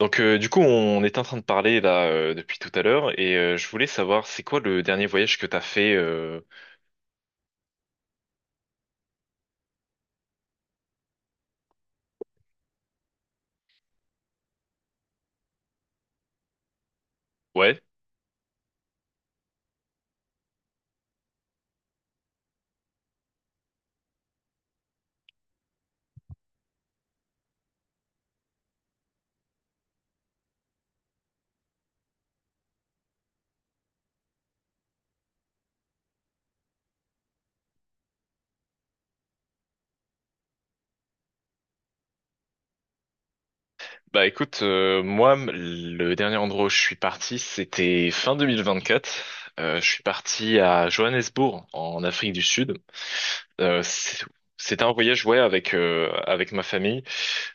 Donc du coup, on est en train de parler là depuis tout à l'heure et je voulais savoir c'est quoi le dernier voyage que t'as fait Ouais. Bah écoute, moi le dernier endroit où je suis parti, c'était fin 2024. Je suis parti à Johannesburg en Afrique du Sud. Euh, c'est- c'était un voyage ouais avec avec ma famille,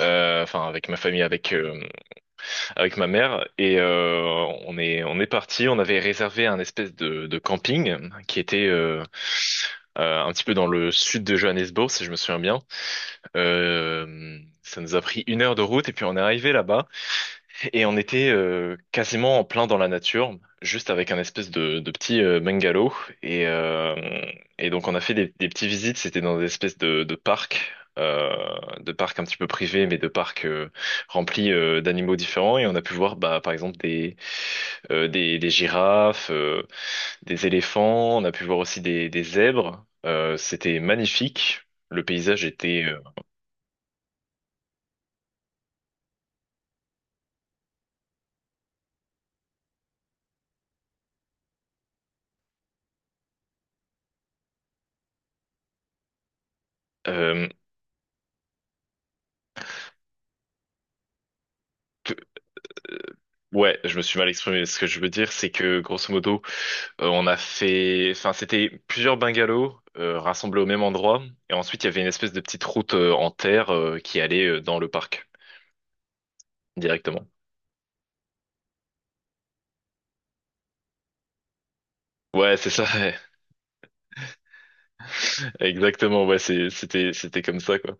Enfin avec ma famille avec avec ma mère et on est parti. On avait réservé un espèce de camping qui était un petit peu dans le sud de Johannesburg, si je me souviens bien. Ça nous a pris une heure de route et puis on est arrivé là-bas. Et on était quasiment en plein dans la nature, juste avec un espèce de petit bungalow. Et, euh, et donc on a fait des petites visites, c'était dans des espèces euh, de parcs un petit peu privés, mais de parcs remplis d'animaux différents. Et on a pu voir bah, par exemple des girafes, des éléphants, on a pu voir aussi des zèbres. C'était magnifique, le paysage était... euh, euh, Ouais, je me suis mal exprimé. Ce que je veux dire, c'est que grosso modo, on a fait, enfin, c'était plusieurs bungalows rassemblés au même endroit, et ensuite il y avait une espèce de petite route en terre qui allait dans le parc directement. Ouais, c'est ça. Ouais. Exactement. Ouais, c'était comme ça quoi.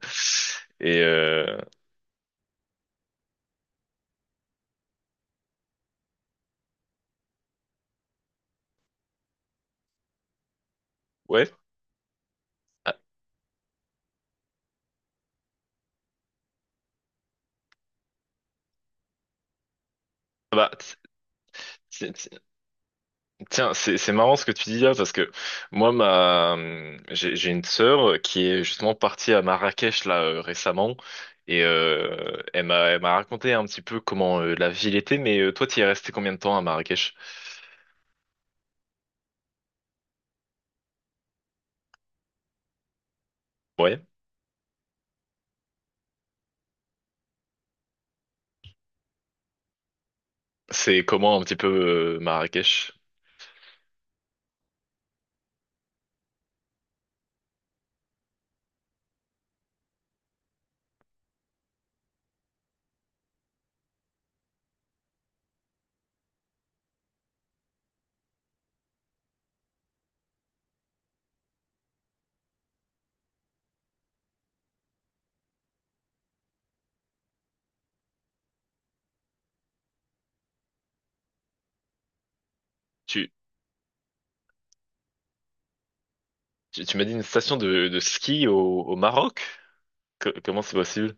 Et euh, ouais. Ah, bah, Tiens, c'est marrant ce que tu dis là parce que moi ma j'ai une sœur qui est justement partie à Marrakech là récemment et elle m'a raconté un petit peu comment la ville était mais toi tu es resté combien de temps à Marrakech? Ouais, c'est comment un petit peu Marrakech? Tu tu m'as dit une station de ski au Maroc? Comment c'est possible?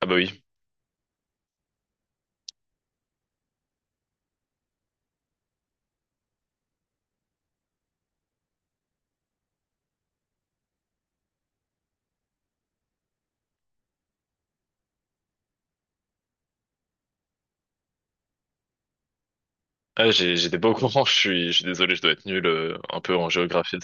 Ah bah oui. Ah, j'étais pas au courant, je suis désolé, je dois être nul un peu en géographie.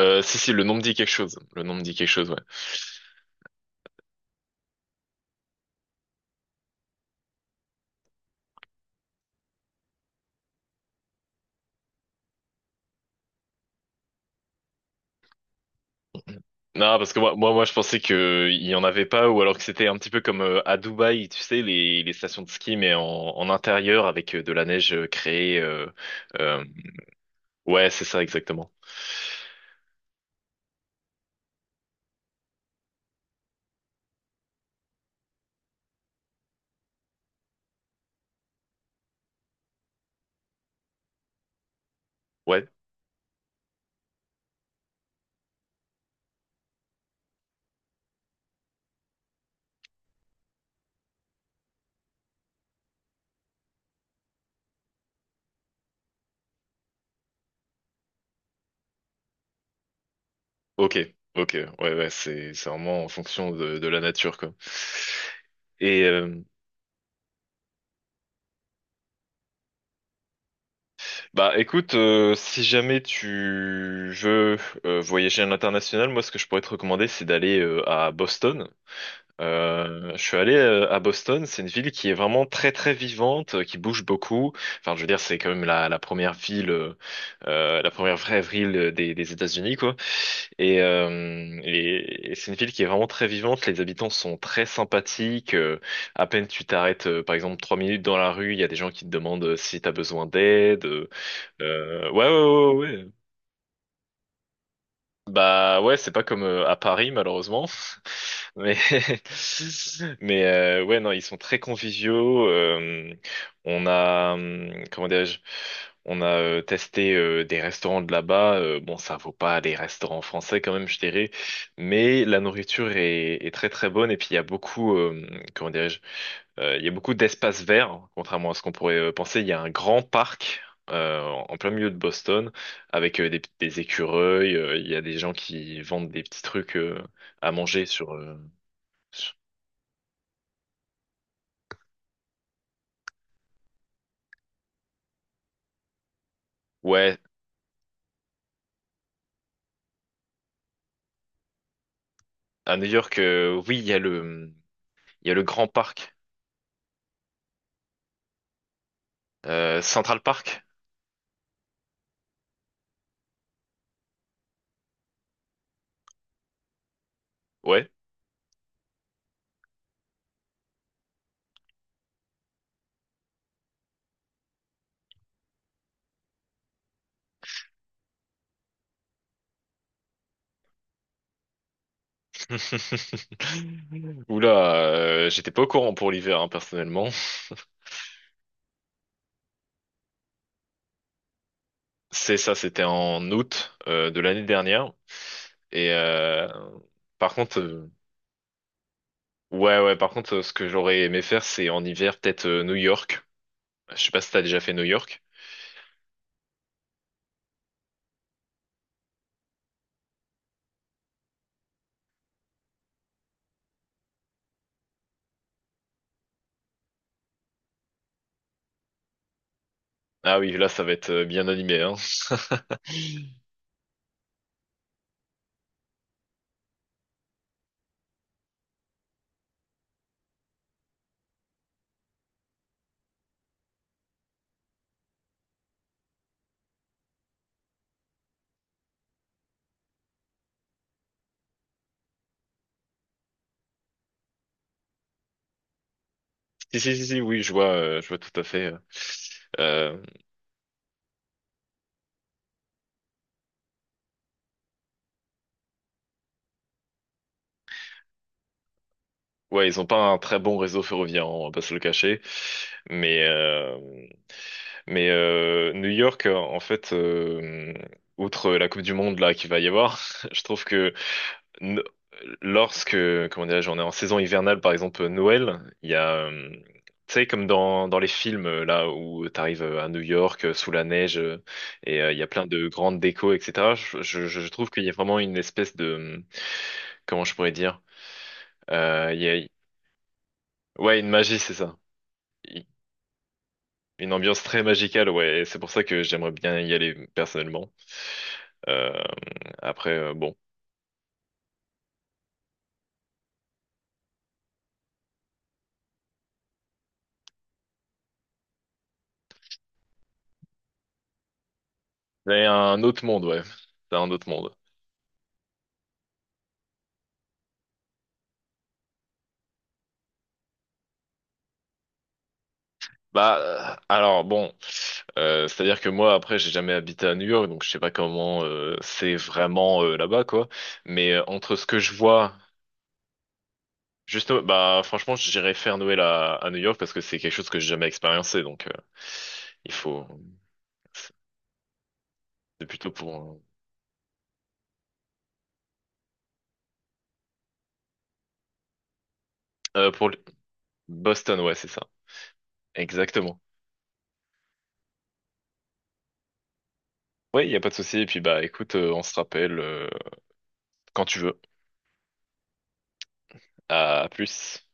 Si, le nom me dit quelque chose. Le nom me dit quelque chose, ouais. Non, parce que moi, je pensais que il y en avait pas, ou alors que c'était un petit peu comme à Dubaï, tu sais, les stations de ski, mais en intérieur avec de la neige créée. Euh, Ouais, c'est ça, exactement. Ouais, ok, ok, ouais, ouais, c'est vraiment en fonction de la nature, quoi. Et euh, bah écoute, si jamais tu veux voyager à l'international, moi ce que je pourrais te recommander, c'est d'aller à Boston. Je suis allé à Boston, c'est une ville qui est vraiment très très vivante, qui bouge beaucoup. Enfin, je veux dire, c'est quand même la première ville, la première vraie ville des États-Unis, quoi. Et c'est une ville qui est vraiment très vivante. Les habitants sont très sympathiques. À peine tu t'arrêtes, par exemple, trois minutes dans la rue, il y a des gens qui te demandent si t'as besoin d'aide. Ouais, ouais. Bah ouais, c'est pas comme à Paris malheureusement, mais mais ouais non, ils sont très conviviaux. On a comment dirais-je, on a testé des restaurants de là-bas. Bon, ça vaut pas les restaurants français quand même, je dirais, mais la nourriture est très très bonne et puis il y a beaucoup comment dirais-je, il y a beaucoup d'espaces verts, hein, contrairement à ce qu'on pourrait penser. Il y a un grand parc en plein milieu de Boston avec des écureuils. Il y a des gens qui vendent des petits trucs à manger sur... Ouais, à New York, oui, il y a il y a le grand parc. Central Park. Ouais. Oula, j'étais pas au courant pour l'hiver, hein, personnellement. C'est ça, c'était en août de l'année dernière. Et euh, par contre. Ouais, ouais, par contre, ce que j'aurais aimé faire, c'est en hiver, peut-être New York. Je sais pas si t'as déjà fait New York. Ah oui, là, ça va être bien animé, hein. Si, si, oui, je vois tout à fait. Euh, ouais, ils ont pas un très bon réseau ferroviaire, hein, on va pas se le cacher. Mais, euh, mais New York, en fait, outre la Coupe du Monde là qu'il va y avoir, je trouve que no- lorsque, comment dirais-je, on est en saison hivernale, par exemple Noël, il y a, tu sais, comme dans les films, là, où t'arrives à New York, sous la neige, et il y a plein de grandes décos, etc. Je trouve qu'il y a vraiment une espèce de, comment je pourrais dire, il y a, ouais, une magie, c'est ça. Une ambiance très magicale, ouais, et c'est pour ça que j'aimerais bien y aller personnellement. Euh, Après, bon. C'est un autre monde, ouais. C'est un autre monde. Bah, alors bon, c'est-à-dire que moi après j'ai jamais habité à New York, donc je sais pas comment c'est vraiment là-bas quoi. Mais entre ce que je vois, juste bah franchement j'irais faire Noël à New York parce que c'est quelque chose que j'ai jamais expériencé, donc il faut. C'est plutôt pour Boston, ouais c'est ça, exactement. Oui, il y a pas de souci. Et puis bah écoute, on se rappelle quand tu veux. À plus.